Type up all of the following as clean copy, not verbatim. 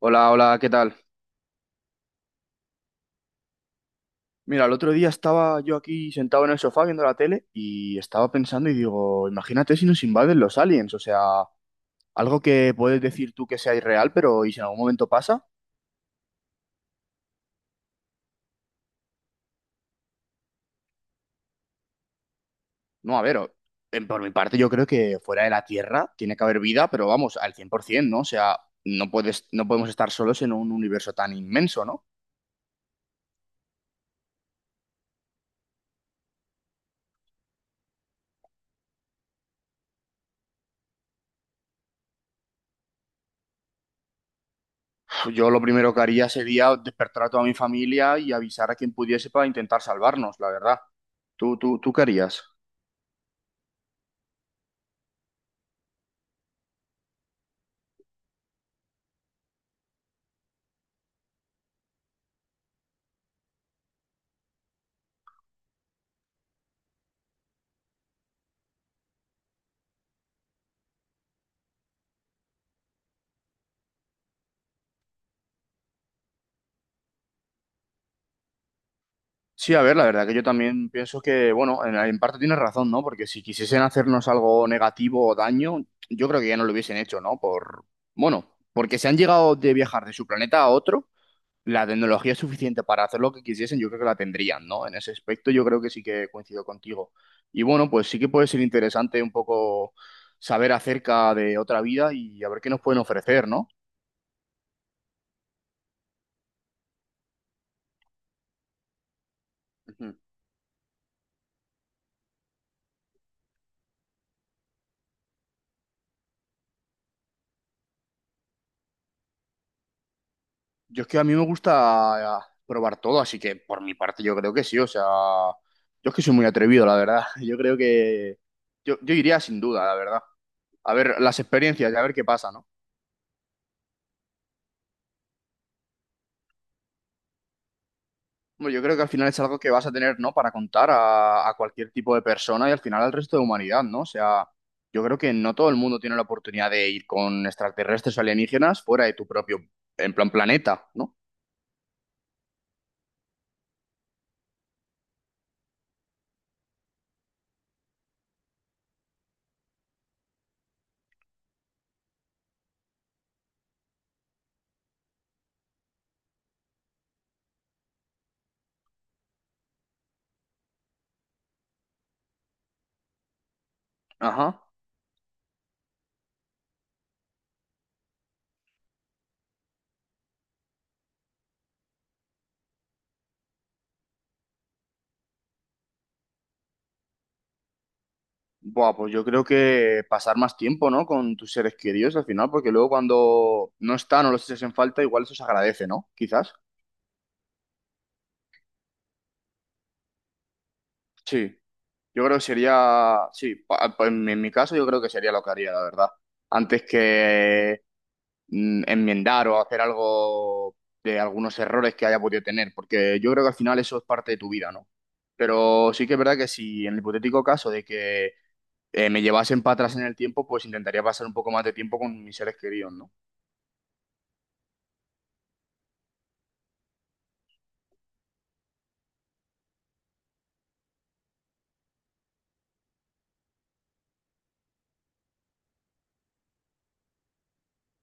Hola, hola, ¿qué tal? Mira, el otro día estaba yo aquí sentado en el sofá viendo la tele y estaba pensando y digo, imagínate si nos invaden los aliens, o sea, algo que puedes decir tú que sea irreal, pero ¿y si en algún momento pasa? No, a ver, por mi parte yo creo que fuera de la Tierra tiene que haber vida, pero vamos, al 100%, ¿no? O sea, no podemos estar solos en un universo tan inmenso, ¿no? Pues yo lo primero que haría sería despertar a toda mi familia y avisar a quien pudiese para intentar salvarnos, la verdad. ¿Tú qué harías? Sí, a ver, la verdad que yo también pienso que, bueno, en parte tienes razón, ¿no? Porque si quisiesen hacernos algo negativo o daño, yo creo que ya no lo hubiesen hecho, ¿no? Por, bueno, porque se han llegado de viajar de su planeta a otro, la tecnología es suficiente para hacer lo que quisiesen, yo creo que la tendrían, ¿no? En ese aspecto yo creo que sí que coincido contigo. Y bueno, pues sí que puede ser interesante un poco saber acerca de otra vida y a ver qué nos pueden ofrecer, ¿no? Ujú. Yo es que a mí me gusta probar todo, así que por mi parte yo creo que sí, o sea, yo es que soy muy atrevido, la verdad. Yo creo que yo iría sin duda, la verdad. A ver las experiencias y a ver qué pasa, ¿no? Hombre, yo creo que al final es algo que vas a tener, ¿no? Para contar a cualquier tipo de persona y al final al resto de humanidad, ¿no? O sea, yo creo que no todo el mundo tiene la oportunidad de ir con extraterrestres o alienígenas fuera de tu propio, en plan, planeta, ¿no? Ajá. Buah, pues yo creo que pasar más tiempo, ¿no? Con tus seres queridos al final, porque luego cuando no están o los echas en falta, igual eso se agradece, ¿no? Quizás. Sí, yo creo que sería, sí, en mi caso yo creo que sería lo que haría, la verdad. Antes que enmendar o hacer algo de algunos errores que haya podido tener, porque yo creo que al final eso es parte de tu vida, ¿no? Pero sí que es verdad que si en el hipotético caso de que me llevasen para atrás en el tiempo, pues intentaría pasar un poco más de tiempo con mis seres queridos, ¿no?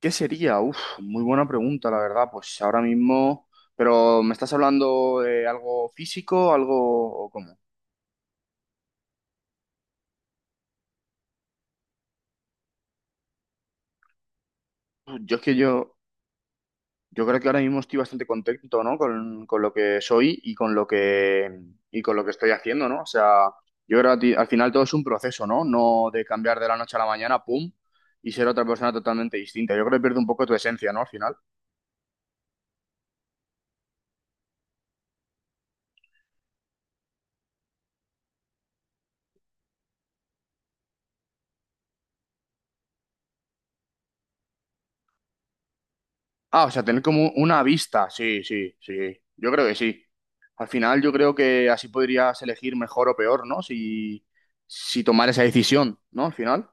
¿Qué sería? Uf, muy buena pregunta, la verdad. Pues ahora mismo, pero ¿me estás hablando de algo físico, algo o cómo? Uf, yo creo que ahora mismo estoy bastante contento, ¿no? Con lo que soy y con lo que estoy haciendo, ¿no? O sea, yo creo que al final todo es un proceso, ¿no? No de cambiar de la noche a la mañana, pum, y ser otra persona totalmente distinta. Yo creo que pierde un poco tu esencia, ¿no? Al final. Ah, o sea, tener como una vista. Sí, sí, sí. Yo creo que sí. Al final yo creo que así podrías elegir mejor o peor, ¿no? Si, si tomar esa decisión, ¿no? Al final.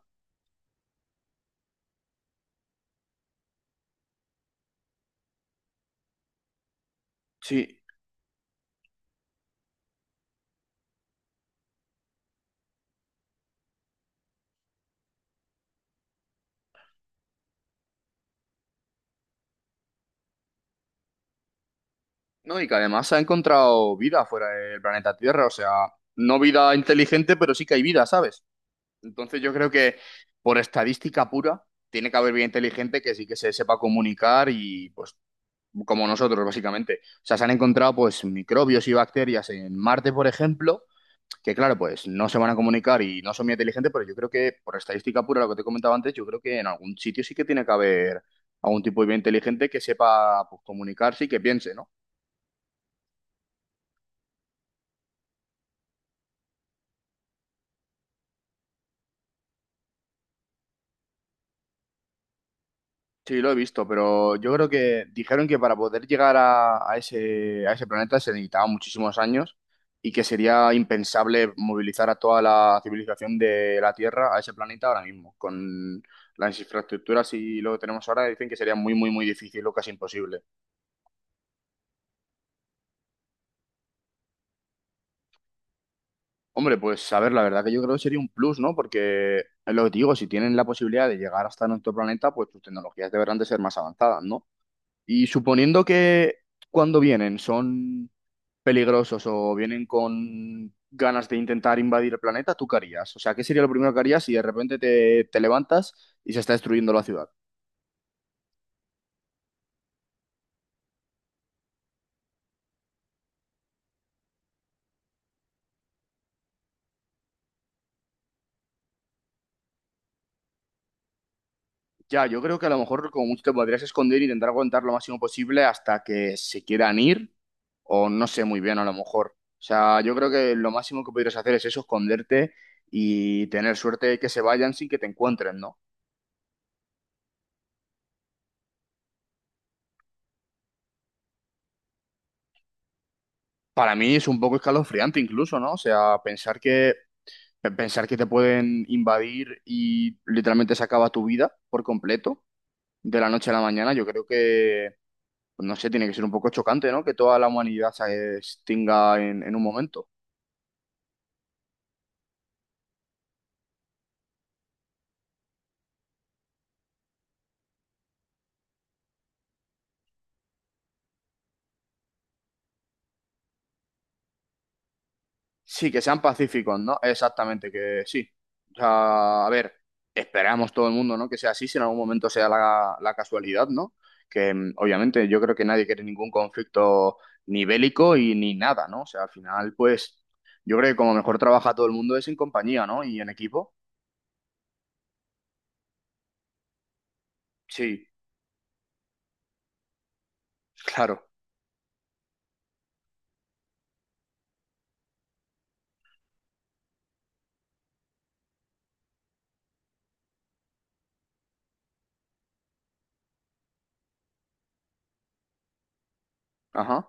Sí. No, y que además se ha encontrado vida fuera del planeta Tierra. O sea, no vida inteligente, pero sí que hay vida, ¿sabes? Entonces yo creo que por estadística pura, tiene que haber vida inteligente que sí que se sepa comunicar y pues como nosotros, básicamente. O sea, se han encontrado pues microbios y bacterias en Marte, por ejemplo que claro, pues no se van a comunicar y no son muy inteligentes, pero yo creo que por estadística pura, lo que te comentaba antes, yo creo que en algún sitio sí que tiene que haber algún tipo de vida inteligente que sepa pues, comunicarse y que piense, ¿no? Sí, lo he visto, pero yo creo que dijeron que para poder llegar a ese planeta se necesitaban muchísimos años y que sería impensable movilizar a toda la civilización de la Tierra a ese planeta ahora mismo. Con las infraestructuras y lo que tenemos ahora, dicen que sería muy, muy, muy difícil o casi imposible. Hombre, pues a ver, la verdad que yo creo que sería un plus, ¿no? Porque es lo que te digo, si tienen la posibilidad de llegar hasta nuestro planeta, pues sus tecnologías deberán de ser más avanzadas, ¿no? Y suponiendo que cuando vienen son peligrosos o vienen con ganas de intentar invadir el planeta, ¿tú qué harías? O sea, ¿qué sería lo primero que harías si de repente te levantas y se está destruyendo la ciudad? Ya, yo creo que a lo mejor como mucho te podrías esconder e intentar aguantar lo máximo posible hasta que se quieran ir, o no sé muy bien, a lo mejor. O sea, yo creo que lo máximo que podrías hacer es eso, esconderte y tener suerte de que se vayan sin que te encuentren, ¿no? Para mí es un poco escalofriante incluso, ¿no? O sea, pensar que, pensar que te pueden invadir y literalmente se acaba tu vida por completo de la noche a la mañana, yo creo que, no sé, tiene que ser un poco chocante, ¿no? Que toda la humanidad se extinga en un momento. Sí, que sean pacíficos, ¿no? Exactamente, que sí. O sea, a ver, esperamos todo el mundo, ¿no? Que sea así, si en algún momento sea la casualidad, ¿no? Que obviamente yo creo que nadie quiere ningún conflicto ni bélico y ni nada, ¿no? O sea, al final, pues, yo creo que como mejor trabaja todo el mundo es en compañía, ¿no? Y en equipo. Sí, claro. Ajá,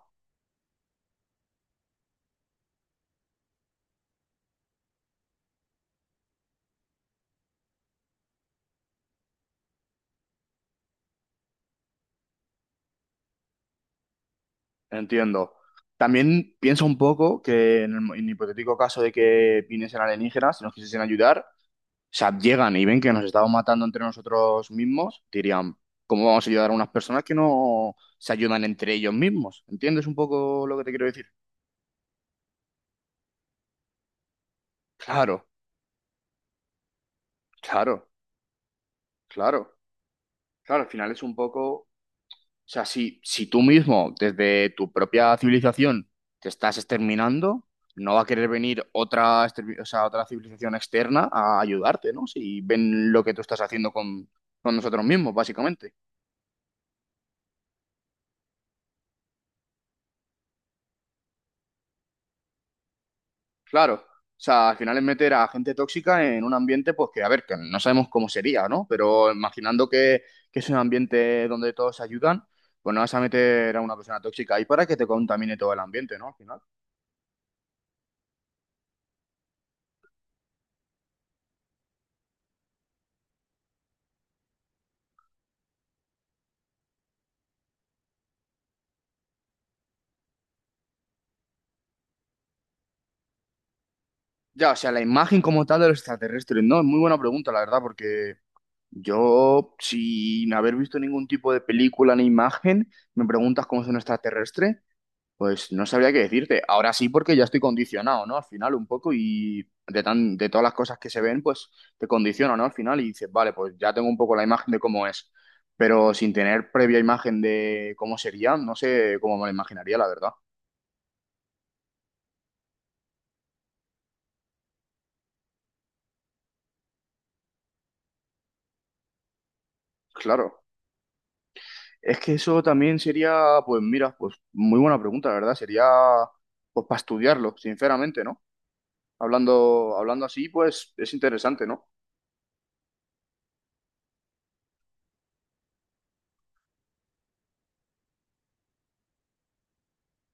entiendo. También pienso un poco que en el hipotético caso de que viniesen alienígenas y nos quisiesen ayudar. O sea, llegan y ven que nos estamos matando entre nosotros mismos, dirían, ¿cómo vamos a ayudar a unas personas que no se ayudan entre ellos mismos? ¿Entiendes un poco lo que te quiero decir? Claro, claro, claro, claro, al final es un poco, o sea, si tú mismo, desde tu propia civilización, te estás exterminando, no va a querer venir otra, o sea, otra civilización externa a ayudarte, ¿no? Si ven lo que tú estás haciendo con nosotros mismos, básicamente. Claro, o sea, al final es meter a gente tóxica en un ambiente, pues que, a ver, que no sabemos cómo sería, ¿no? Pero imaginando que es un ambiente donde todos se ayudan, pues no vas a meter a una persona tóxica ahí para que te contamine todo el ambiente, ¿no? Al final. Ya, o sea, la imagen como tal de los extraterrestres, ¿no? Es muy buena pregunta, la verdad, porque yo, sin haber visto ningún tipo de película ni imagen, me preguntas cómo es un extraterrestre. Pues no sabría qué decirte. Ahora sí, porque ya estoy condicionado, ¿no? Al final un poco de todas las cosas que se ven, pues te condiciona, ¿no? Al final y dices, vale, pues ya tengo un poco la imagen de cómo es, pero sin tener previa imagen de cómo sería, no sé cómo me lo imaginaría, la verdad. Claro. Es que eso también sería, pues mira, pues muy buena pregunta, la verdad. Sería, pues para estudiarlo, sinceramente, ¿no? Hablando así, pues es interesante, ¿no?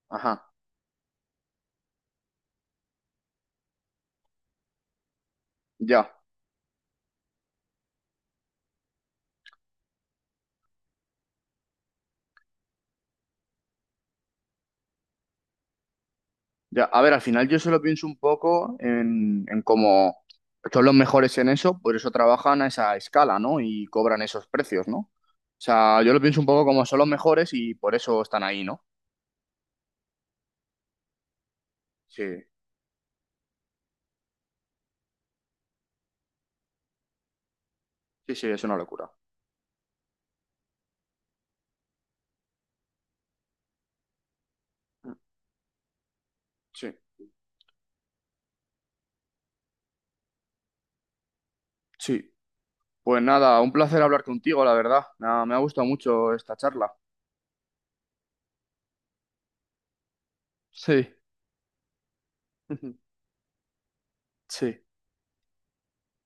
Ajá, ya. Ya, a ver, al final yo solo pienso un poco en cómo son los mejores en eso, por eso trabajan a esa escala, ¿no? Y cobran esos precios, ¿no? O sea, yo lo pienso un poco como son los mejores y por eso están ahí, ¿no? Sí, sí, sí, es una locura. Sí, sí. Pues nada, un placer hablar contigo, la verdad. Nada, me ha gustado mucho esta charla. Sí, sí.